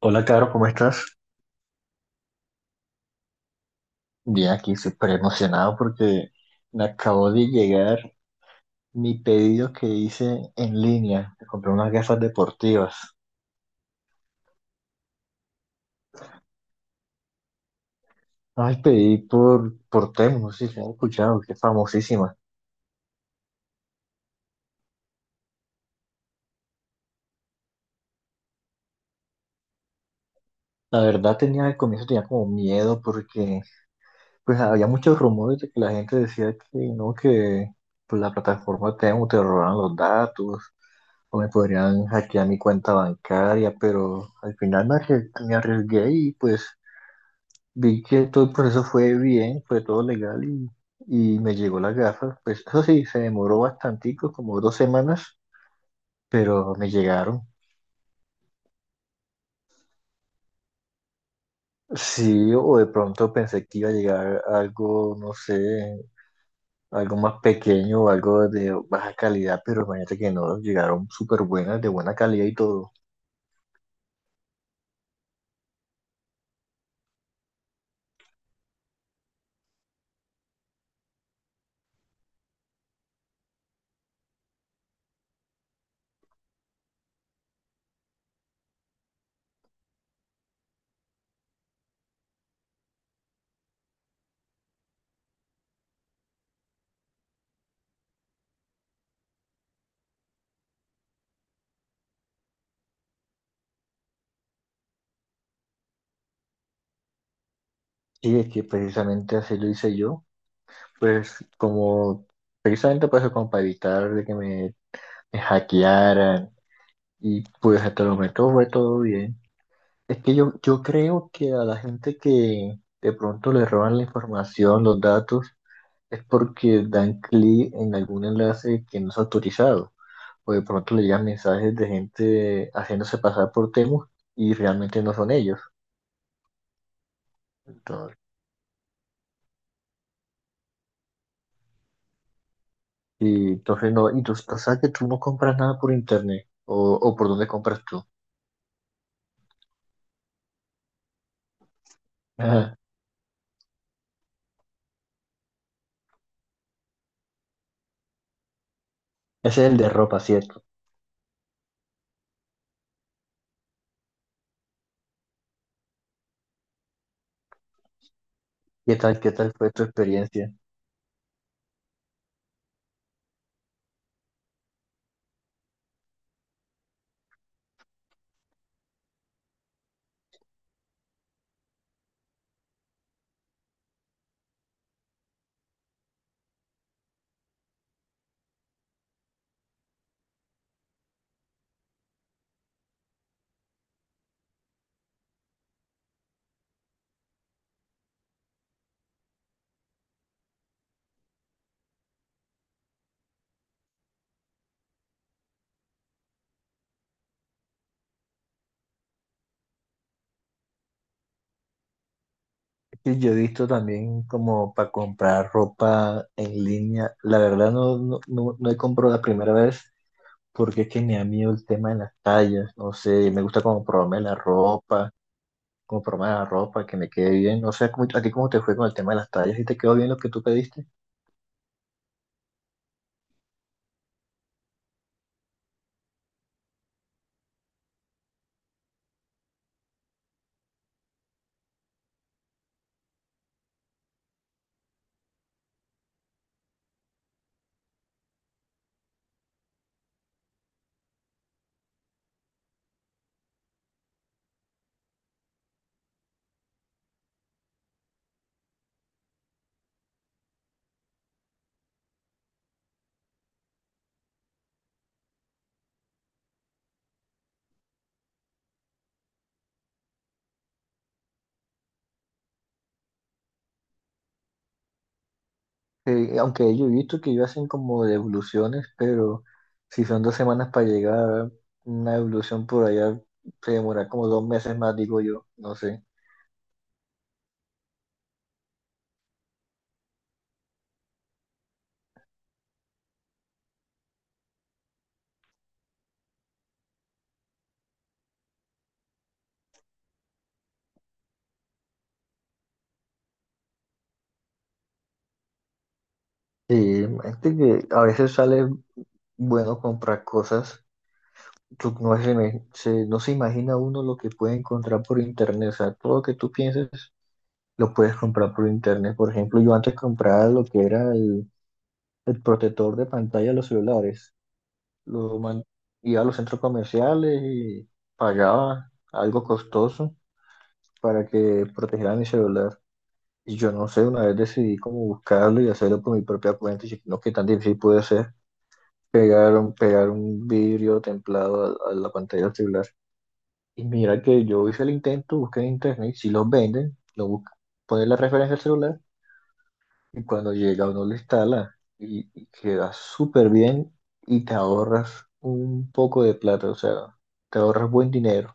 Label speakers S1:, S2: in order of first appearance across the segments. S1: Hola, Caro, ¿cómo estás? Bien, aquí súper emocionado porque me acabó de llegar mi pedido que hice en línea. Me compré unas gafas deportivas. Ay, pedí por Temu, no sé si has escuchado, que es famosísima. La verdad tenía al comienzo tenía como miedo porque pues había muchos rumores de que la gente decía que no, que pues la plataforma Temu te robaban los datos o me podrían hackear mi cuenta bancaria, pero al final me arriesgué y pues vi que todo el proceso fue bien, fue todo legal y me llegó la gafa. Pues eso sí, se demoró bastantico, como dos semanas, pero me llegaron. Sí, o de pronto pensé que iba a llegar algo, no sé, algo más pequeño o algo de baja calidad, pero imagínate que no, llegaron súper buenas, de buena calidad y todo. Y es que precisamente así lo hice yo, pues como precisamente para eso, como para evitar de me hackearan y pues hasta el momento fue todo bien. Es que yo creo que a la gente que de pronto le roban la información, los datos, es porque dan clic en algún enlace que no es autorizado. O de pronto le llegan mensajes de gente haciéndose pasar por Temu y realmente no son ellos. Entonces, no, y tú o sea, que tú no compras nada por internet. O por dónde compras tú. Ajá. Ese es el de ropa, ¿cierto? Qué tal fue tu experiencia? Sí, yo he visto también como para comprar ropa en línea. La verdad no he comprado la primera vez porque es que me da miedo el tema de las tallas. No sé, me gusta como probarme la ropa, que me quede bien. No sé, a ti cómo te fue con el tema de las tallas? ¿Y te quedó bien lo que tú pediste? Aunque yo he visto que ellos hacen como devoluciones, pero si son dos semanas para llegar, una devolución por allá se demora como dos meses más, digo yo. No sé. Sí, este que a veces sale. Bueno, comprar cosas, tú no se, no se imagina uno lo que puede encontrar por internet, o sea, todo lo que tú pienses lo puedes comprar por internet. Por ejemplo, yo antes compraba lo que era el protector de pantalla de los celulares, lo man- iba a los centros comerciales y pagaba algo costoso para que protegiera mi celular. Y yo no sé, una vez decidí como buscarlo y hacerlo por mi propia cuenta y dije, no, qué tan difícil puede ser pegar pegar un vidrio templado a la pantalla del celular. Y mira que yo hice el intento, busqué en internet, si los venden, lo busca, pones la referencia al celular y cuando llega uno lo instala y queda súper bien y te ahorras un poco de plata, o sea, te ahorras buen dinero.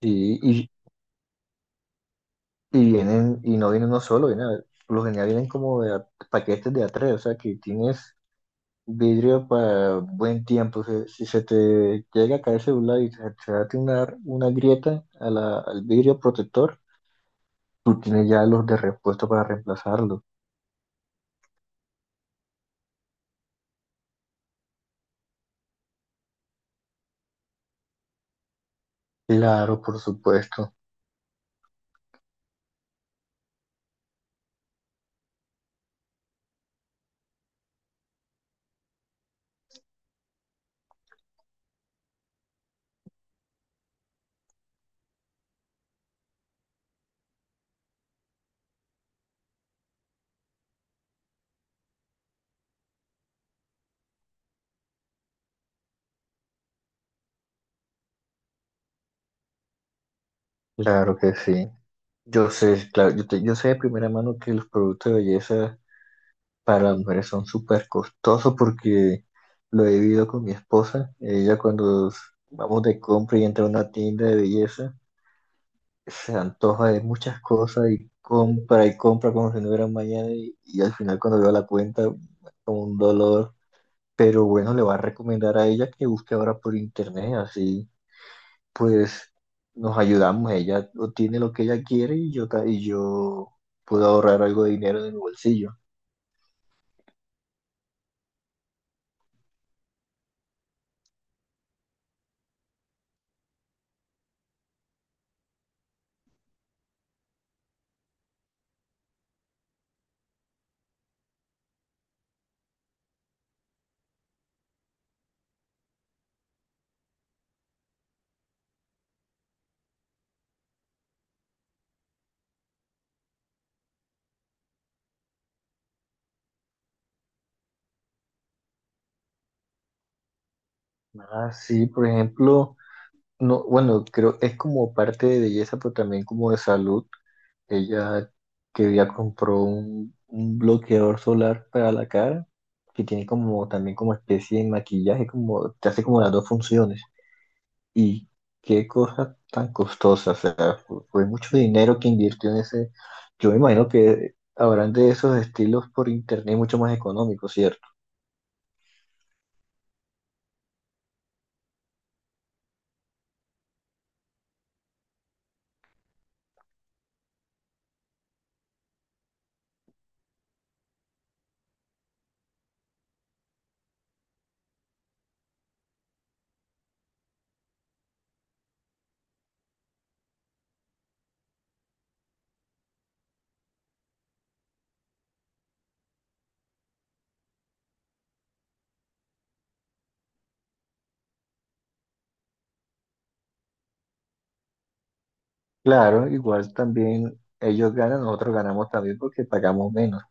S1: Y, y, y vienen, y no vienen uno solo, vienen, por lo general vienen como paquetes de A3, o sea que tienes vidrio para buen tiempo. O sea, si se te llega a caer el celular y se te hace una grieta a al vidrio protector, tú tienes ya los de repuesto para reemplazarlos. Claro, por supuesto. Claro que sí. Yo sé, claro, yo sé de primera mano que los productos de belleza para las mujeres son súper costosos porque lo he vivido con mi esposa. Ella vamos de compra y entra a una tienda de belleza, se antoja de muchas cosas y compra como si no hubiera un mañana y al final cuando veo la cuenta, como un dolor. Pero bueno, le va a recomendar a ella que busque ahora por internet, así pues nos ayudamos. Ella obtiene lo que ella quiere y yo puedo ahorrar algo de dinero de mi bolsillo. Ah, sí por ejemplo, no, bueno, creo es como parte de belleza, pero también como de salud. Ella que ya compró un bloqueador solar para la cara, que tiene como también como especie de maquillaje, como te hace como las dos funciones. Y qué cosa tan costosa, o sea, fue mucho dinero que invirtió en ese. Yo me imagino que habrán de esos estilos por internet mucho más económicos, ¿cierto? Claro, igual también ellos ganan, nosotros ganamos también porque pagamos menos.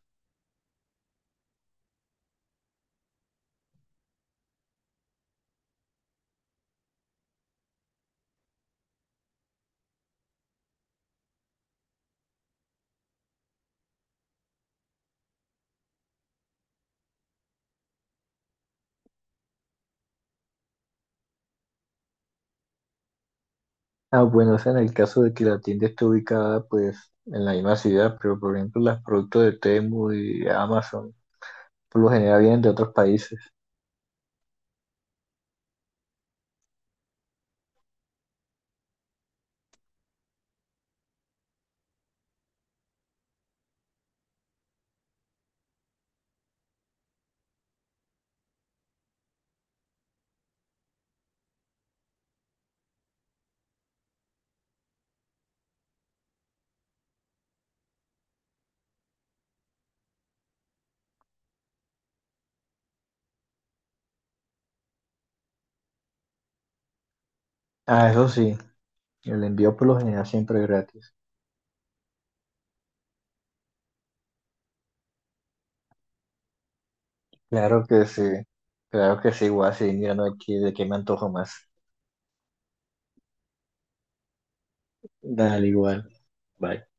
S1: Ah, bueno, o sea, en el caso de que la tienda esté ubicada, pues, en la misma ciudad, pero por ejemplo, los productos de Temu y Amazon, por lo general vienen de otros países. Ah, eso sí, el envío por lo general siempre es gratis. Claro que sí, claro que sí, igual, sí, mirando aquí de qué me antojo más. Dale, igual, bye.